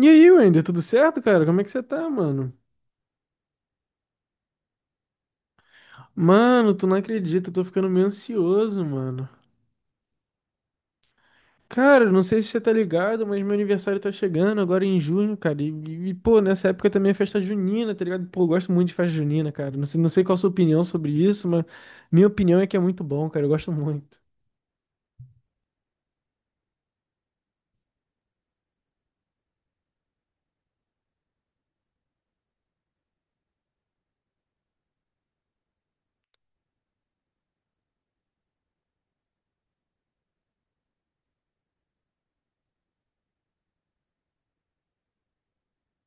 E aí, Wender, tudo certo, cara? Como é que você tá, mano? Mano, tu não acredita, eu tô ficando meio ansioso, mano. Cara, eu não sei se você tá ligado, mas meu aniversário tá chegando agora em junho, cara. Pô, nessa época também é festa junina, tá ligado? Pô, eu gosto muito de festa junina, cara. Não sei qual a sua opinião sobre isso, mas minha opinião é que é muito bom, cara. Eu gosto muito.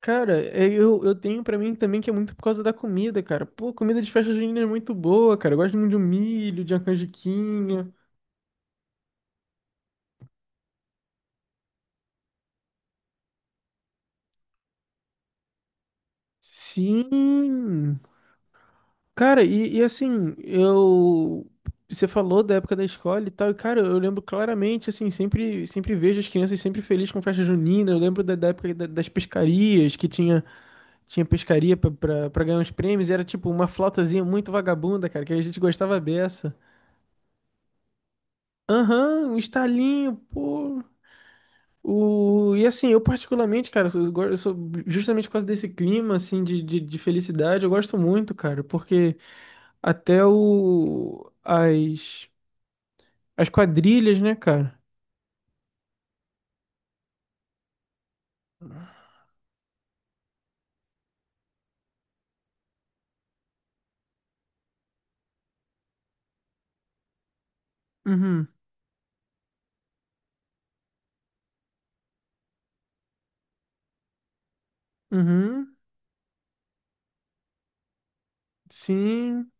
Cara, é, eu tenho pra mim também que é muito por causa da comida, cara. Pô, comida de festa junina é muito boa, cara. Eu gosto muito de um milho, de uma canjiquinha. Sim. Cara, e assim, eu. Você falou da época da escola e tal, e cara, eu lembro claramente, assim, sempre vejo as crianças sempre felizes com festa junina. Eu lembro da época das pescarias, tinha pescaria pra ganhar uns prêmios, e era tipo uma flautazinha muito vagabunda, cara, que a gente gostava beça. Aham, um estalinho, pô. E assim, eu particularmente, cara, eu sou justamente por causa desse clima, assim, de felicidade, eu gosto muito, cara, porque até o. As. as quadrilhas, né, cara? Uhum. Uhum. Sim.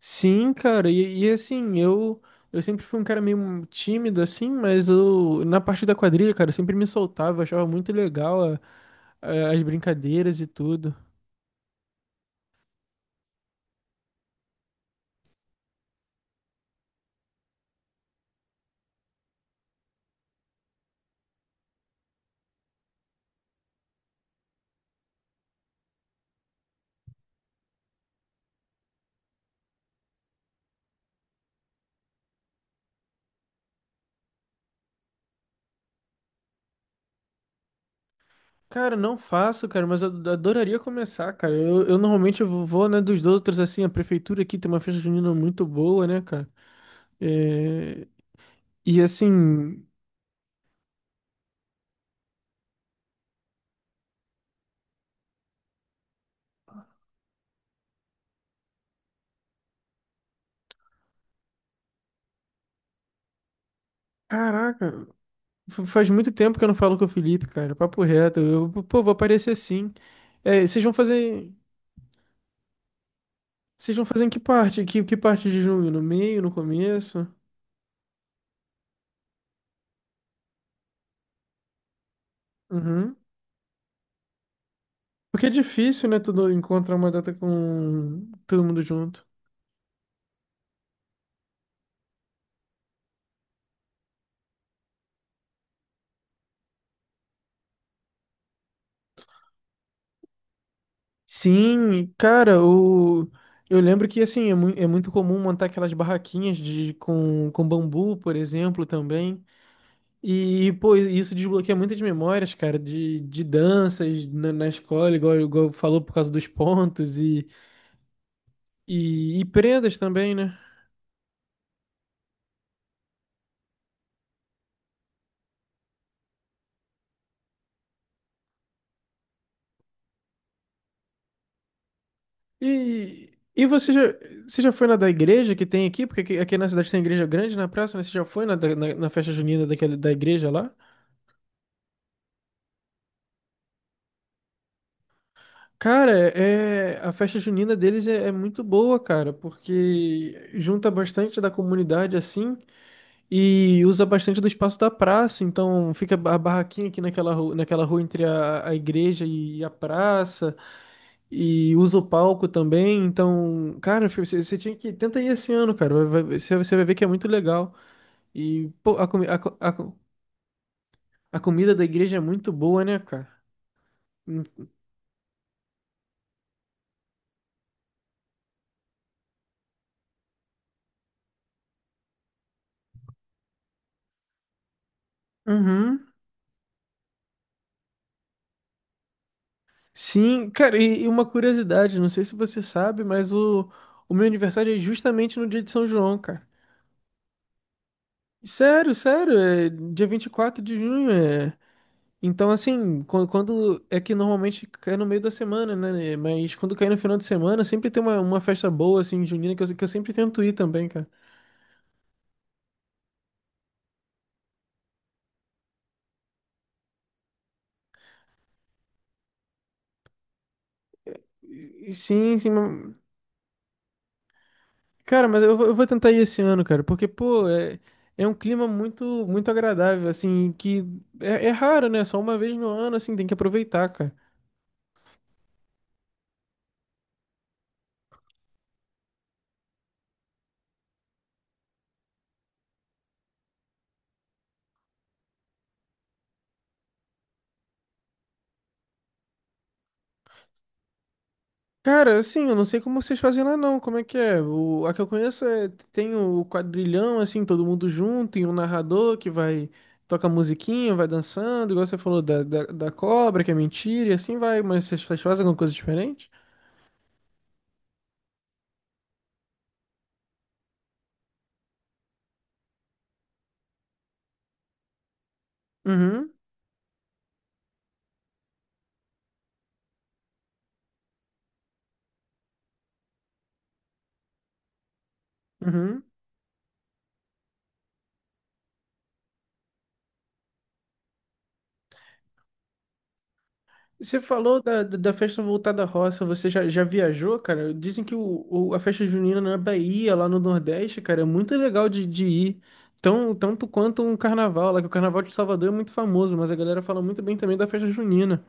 Sim, cara. E, assim, eu sempre fui um cara meio tímido, assim, mas eu, na parte da quadrilha, cara, eu sempre me soltava, eu achava muito legal as brincadeiras e tudo. Cara, não faço, cara, mas eu adoraria começar, cara. Eu normalmente eu vou, né, dos outros, assim, a prefeitura aqui tem uma festa junina muito boa, né, cara? É, E assim, caraca. Faz muito tempo que eu não falo com o Felipe, cara. Papo reto. Eu, pô, vou aparecer sim. É, vocês vão fazer. Vocês vão fazer em que parte? Que parte de junho? No meio, no começo? Uhum. Porque é difícil, né? Tudo encontrar uma data com todo mundo junto. Sim, cara, eu lembro que assim, é, é muito comum montar aquelas barraquinhas de... com bambu, por exemplo, também. E, pô, isso desbloqueia muitas memórias, cara, de danças na escola, igual falou, por causa dos pontos e prendas também, né? E, e você já, você já foi na da igreja que tem aqui? Porque aqui na cidade tem igreja grande na praça, né? Você já foi na festa junina daquela, da igreja lá? Cara, é, a festa junina deles é muito boa, cara, porque junta bastante da comunidade assim. E usa bastante do espaço da praça, então fica a barraquinha aqui naquela rua entre a igreja e a praça, e usa o palco também, então, cara, você tinha que... Tenta ir esse ano, cara, você vai ver que é muito legal. E, pô, a, comi- a, co- a, co- a comida da igreja é muito boa, né, cara? Hum, Uhum. Sim, cara, e uma curiosidade, não sei se você sabe, mas o meu aniversário é justamente no dia de São João, cara. Sério, é dia 24 de junho, é... Então, assim, quando, é que normalmente cai no meio da semana, né? né? Mas quando cai no final de semana, sempre tem uma festa boa, assim, junina, que eu sempre tento ir também, cara. Sim, sim. Cara, mas eu, eu vou tentar ir esse ano, cara, porque, pô, é, é um clima muito, muito agradável, assim, que é, é raro, né? Só uma vez no ano, assim, tem que aproveitar, cara. Cara, assim, eu não sei como vocês fazem lá não, como é que é? A que eu conheço é, tem o quadrilhão, assim, todo mundo junto, e um narrador que vai, toca musiquinha, vai dançando, igual você falou da cobra, que é mentira, e assim vai, mas vocês fazem alguma coisa diferente? Uhum, uhum. Você falou da festa voltada à roça, já viajou, cara? Dizem que a festa junina na Bahia, lá no Nordeste, cara, é muito legal de ir. Tanto quanto um carnaval, lá que o carnaval de Salvador é muito famoso, mas a galera fala muito bem também da festa junina.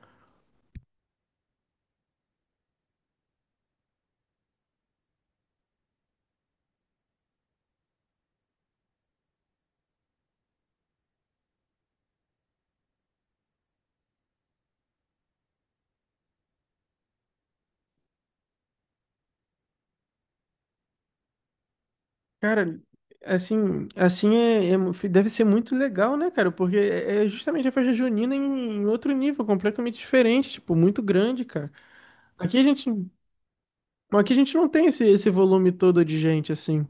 Cara, assim é, deve ser muito legal, né, cara? Porque é é justamente a festa junina em, em outro nível, completamente diferente, tipo, muito grande, cara. Aqui a gente, aqui a gente não tem esse, esse volume todo de gente, assim.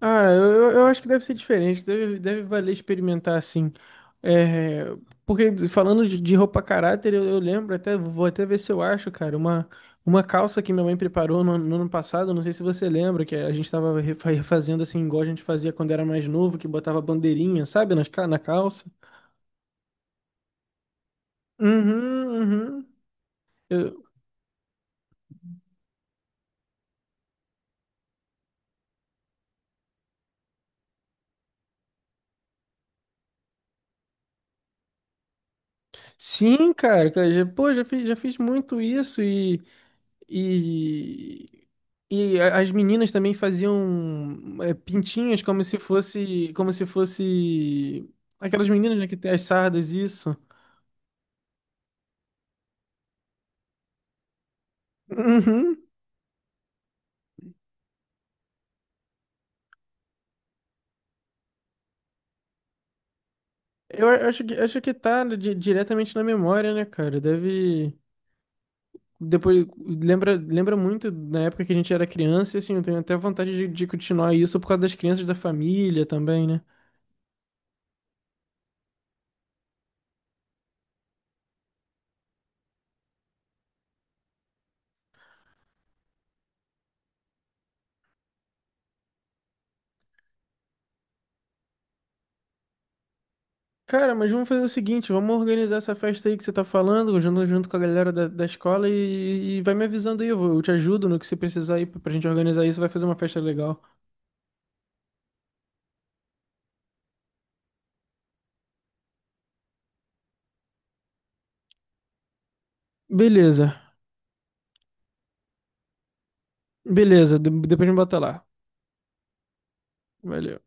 Ah, eu acho que deve ser diferente, deve valer experimentar assim. É, porque falando de roupa caráter, eu lembro até, vou até ver se eu acho, cara, uma calça que minha mãe preparou no ano passado, não sei se você lembra, que a gente tava refazendo assim, igual a gente fazia quando era mais novo, que botava bandeirinha, sabe, na calça. Uhum, uhum. Eu- sim, cara, cara, já, pô, já fiz muito isso e, as meninas também faziam é, pintinhas como se fosse aquelas meninas, né, que tem as sardas, isso. Uhum. Eu acho que tá diretamente na memória, né, cara? Deve depois lembra, lembra muito na época que a gente era criança, e assim, eu tenho até vontade de continuar isso por causa das crianças da família também, né? Cara, mas vamos fazer o seguinte, vamos organizar essa festa aí que você tá falando, junto, junto com a galera da escola e vai me avisando aí, eu te ajudo no que você precisar aí pra pra gente organizar isso, vai fazer uma festa legal. Beleza, depois me bota lá. Valeu.